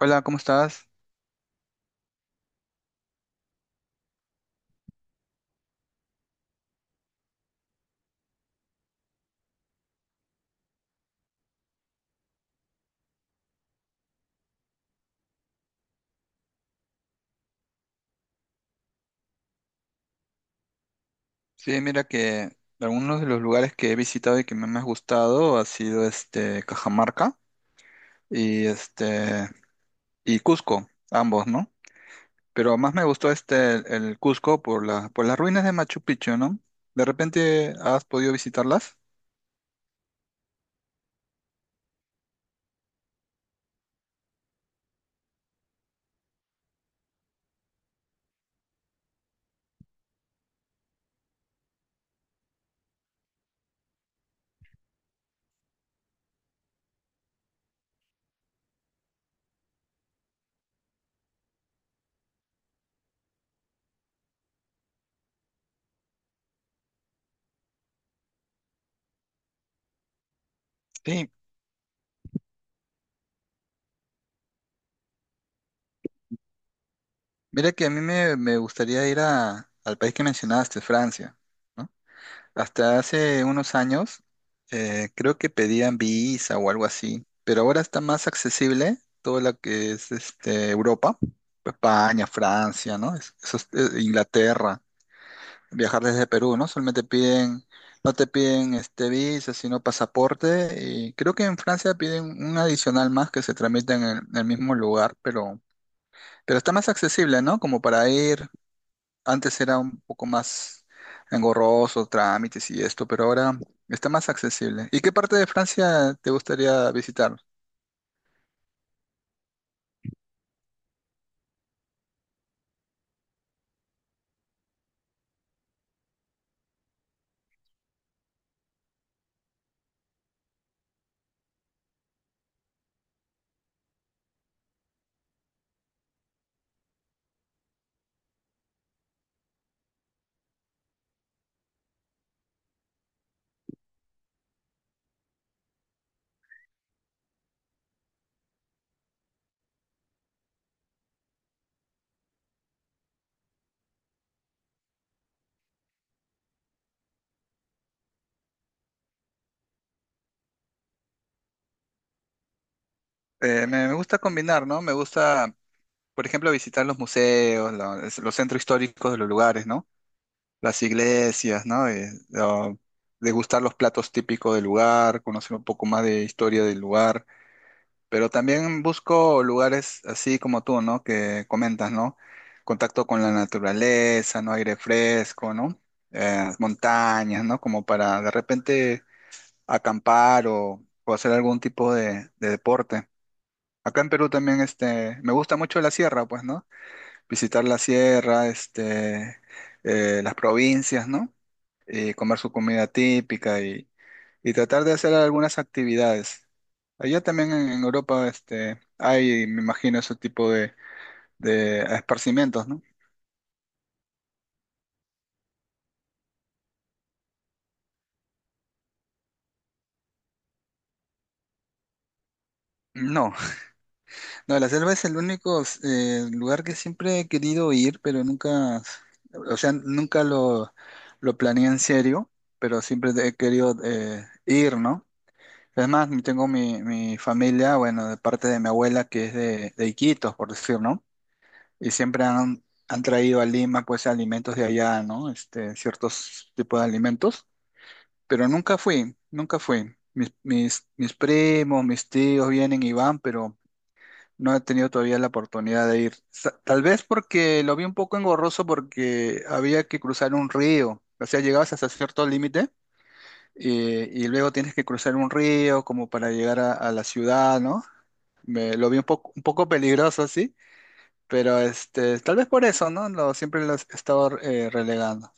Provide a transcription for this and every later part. Hola, ¿cómo estás? Sí, mira que algunos de los lugares que he visitado y que me han más gustado ha sido este Cajamarca y este y Cusco, ambos, ¿no? Pero más me gustó este el Cusco por la, por las ruinas de Machu Picchu, ¿no? ¿De repente has podido visitarlas? Sí, mira que a mí me gustaría ir a, al país que mencionaste, Francia, ¿no? Hasta hace unos años creo que pedían Visa o algo así, pero ahora está más accesible todo lo que es este, Europa, España, Francia, ¿no? Inglaterra, viajar desde Perú, ¿no? Solamente piden, no te piden este Visa, sino pasaporte y creo que en Francia piden un adicional más que se tramita en el mismo lugar, pero está más accesible, ¿no? Como para ir. Antes era un poco más engorroso, trámites y esto, pero ahora está más accesible. ¿Y qué parte de Francia te gustaría visitar? Me gusta combinar, ¿no? Me gusta, por ejemplo, visitar los museos, los centros históricos de los lugares, ¿no? Las iglesias, ¿no? Degustar los platos típicos del lugar, conocer un poco más de historia del lugar. Pero también busco lugares así como tú, ¿no? Que comentas, ¿no? Contacto con la naturaleza, ¿no? Aire fresco, ¿no? Montañas, ¿no? Como para de repente acampar o hacer algún tipo de deporte. Acá en Perú también, este, me gusta mucho la sierra, pues, ¿no? Visitar la sierra, este, las provincias, ¿no? Y comer su comida típica y tratar de hacer algunas actividades. Allá también en Europa este, hay, me imagino, ese tipo de esparcimientos, ¿no? No, no, la selva es el único lugar que siempre he querido ir, pero nunca, o sea, nunca lo, lo planeé en serio, pero siempre he querido ir, ¿no? Es más, tengo mi, mi familia, bueno, de parte de mi abuela que es de Iquitos, por decir, ¿no? Y siempre han traído a Lima, pues, alimentos de allá, ¿no? Este, ciertos tipos de alimentos, pero nunca fui, nunca fui. Mis primos, mis tíos vienen y van, pero no he tenido todavía la oportunidad de ir. Tal vez porque lo vi un poco engorroso porque había que cruzar un río, o sea, llegabas hasta cierto límite y luego tienes que cruzar un río como para llegar a la ciudad, ¿no? Me, lo vi un poco peligroso, así pero este, tal vez por eso, ¿no? Lo, siempre los he estado relegando.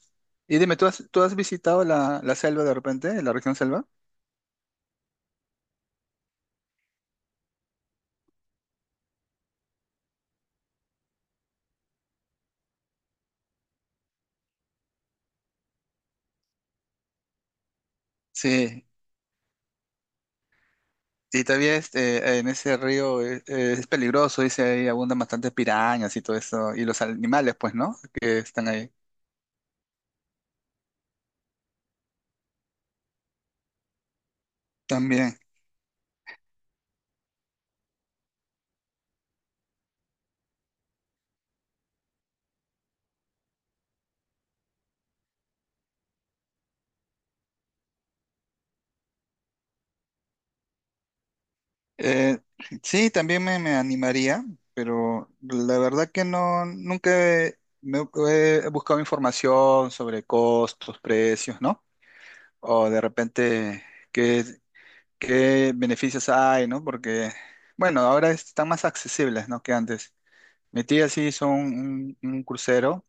Y dime, tú has visitado la, la selva de repente, la región selva? Sí. Y todavía este, en ese río es, peligroso, dice ahí abundan bastantes pirañas y todo eso, y los animales, pues, ¿no? Que están ahí también. Eh, sí, también me animaría, pero la verdad que no, nunca he- me he buscado información sobre costos, precios, ¿no? O de repente... qué qué beneficios hay, ¿no? Porque, bueno, ahora están más accesibles, ¿no? Que antes. Mi tía sí hizo un, un crucero,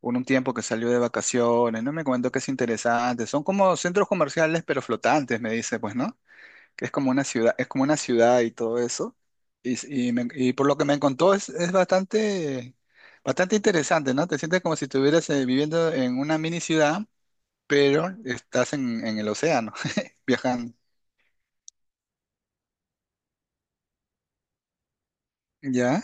un tiempo que salió de vacaciones, ¿no? Me comentó que es interesante. Son como centros comerciales, pero flotantes, me dice, pues, ¿no? Que es como una ciudad, es como una ciudad y todo eso. Y, y por lo que me contó es bastante, bastante interesante, ¿no? Te sientes como si estuvieras viviendo en una mini ciudad, pero estás en el océano, viajando, ¿ya?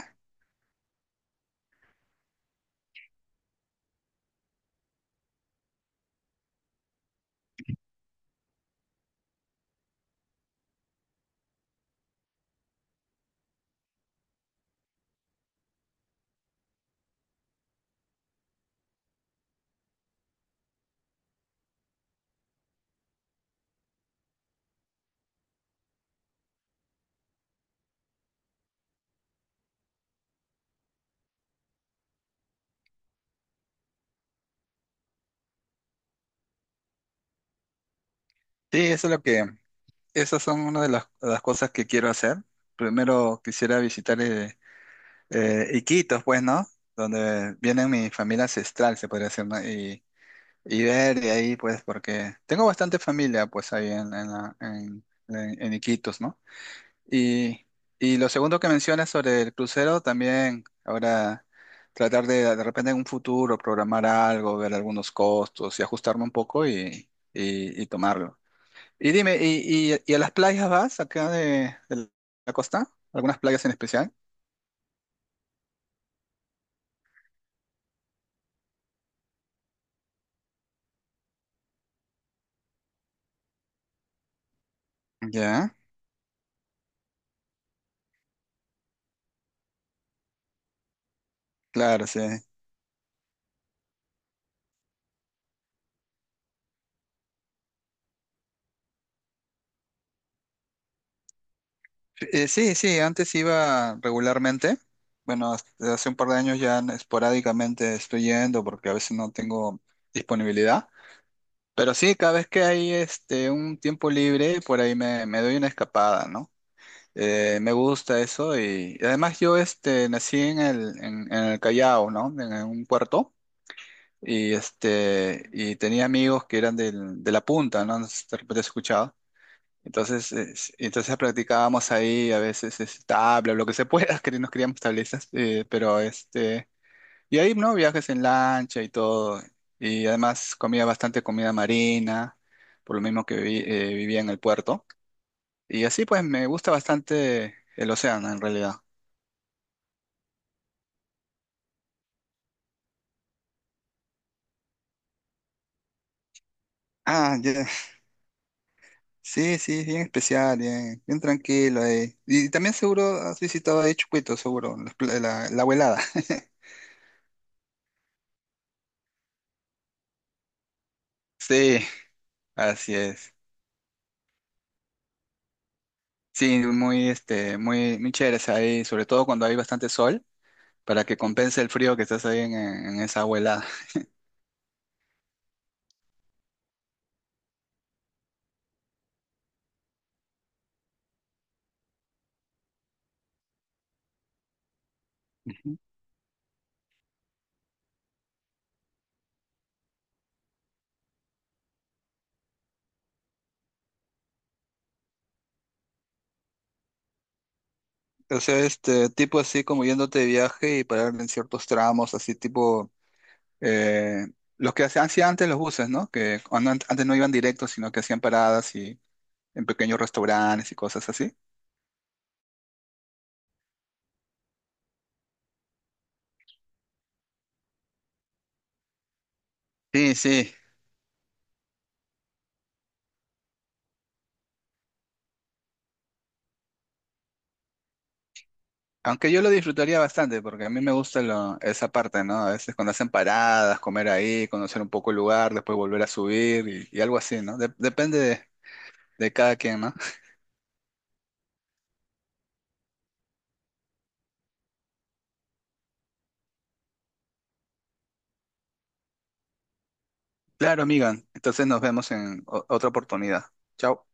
Sí, eso es lo que, esas son una de las cosas que quiero hacer. Primero quisiera visitar Iquitos, pues, ¿no? Donde viene mi familia ancestral, se podría decir, ¿no? Y ver de ahí, pues, porque tengo bastante familia, pues, ahí en, en Iquitos, ¿no? Y, y lo segundo que mencionas sobre el crucero, también ahora tratar de repente en un futuro programar algo, ver algunos costos y ajustarme un poco y tomarlo. Y dime, ¿y, y a las playas vas acá de la costa? ¿Algunas playas en especial? Ya, claro, sí. Sí, sí, antes iba regularmente. Bueno, hasta hace un par de años ya esporádicamente estoy yendo porque a veces no tengo disponibilidad. Pero sí, cada vez que hay este, un tiempo libre, por ahí me, me doy una escapada, ¿no? Me gusta eso y además yo este, nací en el Callao, ¿no? En un puerto. Y, este, y tenía amigos que eran de la punta, ¿no? No sé si de repente has escuchado. Entonces, entonces practicábamos ahí a veces es, tabla, lo que se pueda, que nos criamos tablizas, pero este, y ahí, ¿no? Viajes en lancha y todo. Y además comía bastante comida marina, por lo mismo que vivía en el puerto. Y así pues me gusta bastante el océano en realidad. Ah, ya. Sí, sí, bien especial, bien, bien tranquilo. Eh. Y también seguro has visitado ahí Chucuito, seguro, la abuelada. Sí, así es. Sí, muy, este, muy, muy chéveres ahí, sobre todo cuando hay bastante sol, para que compense el frío que estás ahí en esa abuelada. Ujú. O sea, este tipo así como yéndote de viaje y parar en ciertos tramos, así tipo eh, los que hacían antes los buses, ¿no? Que cuando antes no iban directos, sino que hacían paradas y en pequeños restaurantes y cosas así. Sí, sí. Aunque yo lo disfrutaría bastante, porque a mí me gusta esa parte, ¿no? A veces cuando hacen paradas, comer ahí, conocer un poco el lugar, después volver a subir y algo así, ¿no? Depende de cada quien, ¿no? Claro, amiga. Entonces nos vemos en otra oportunidad. Chao.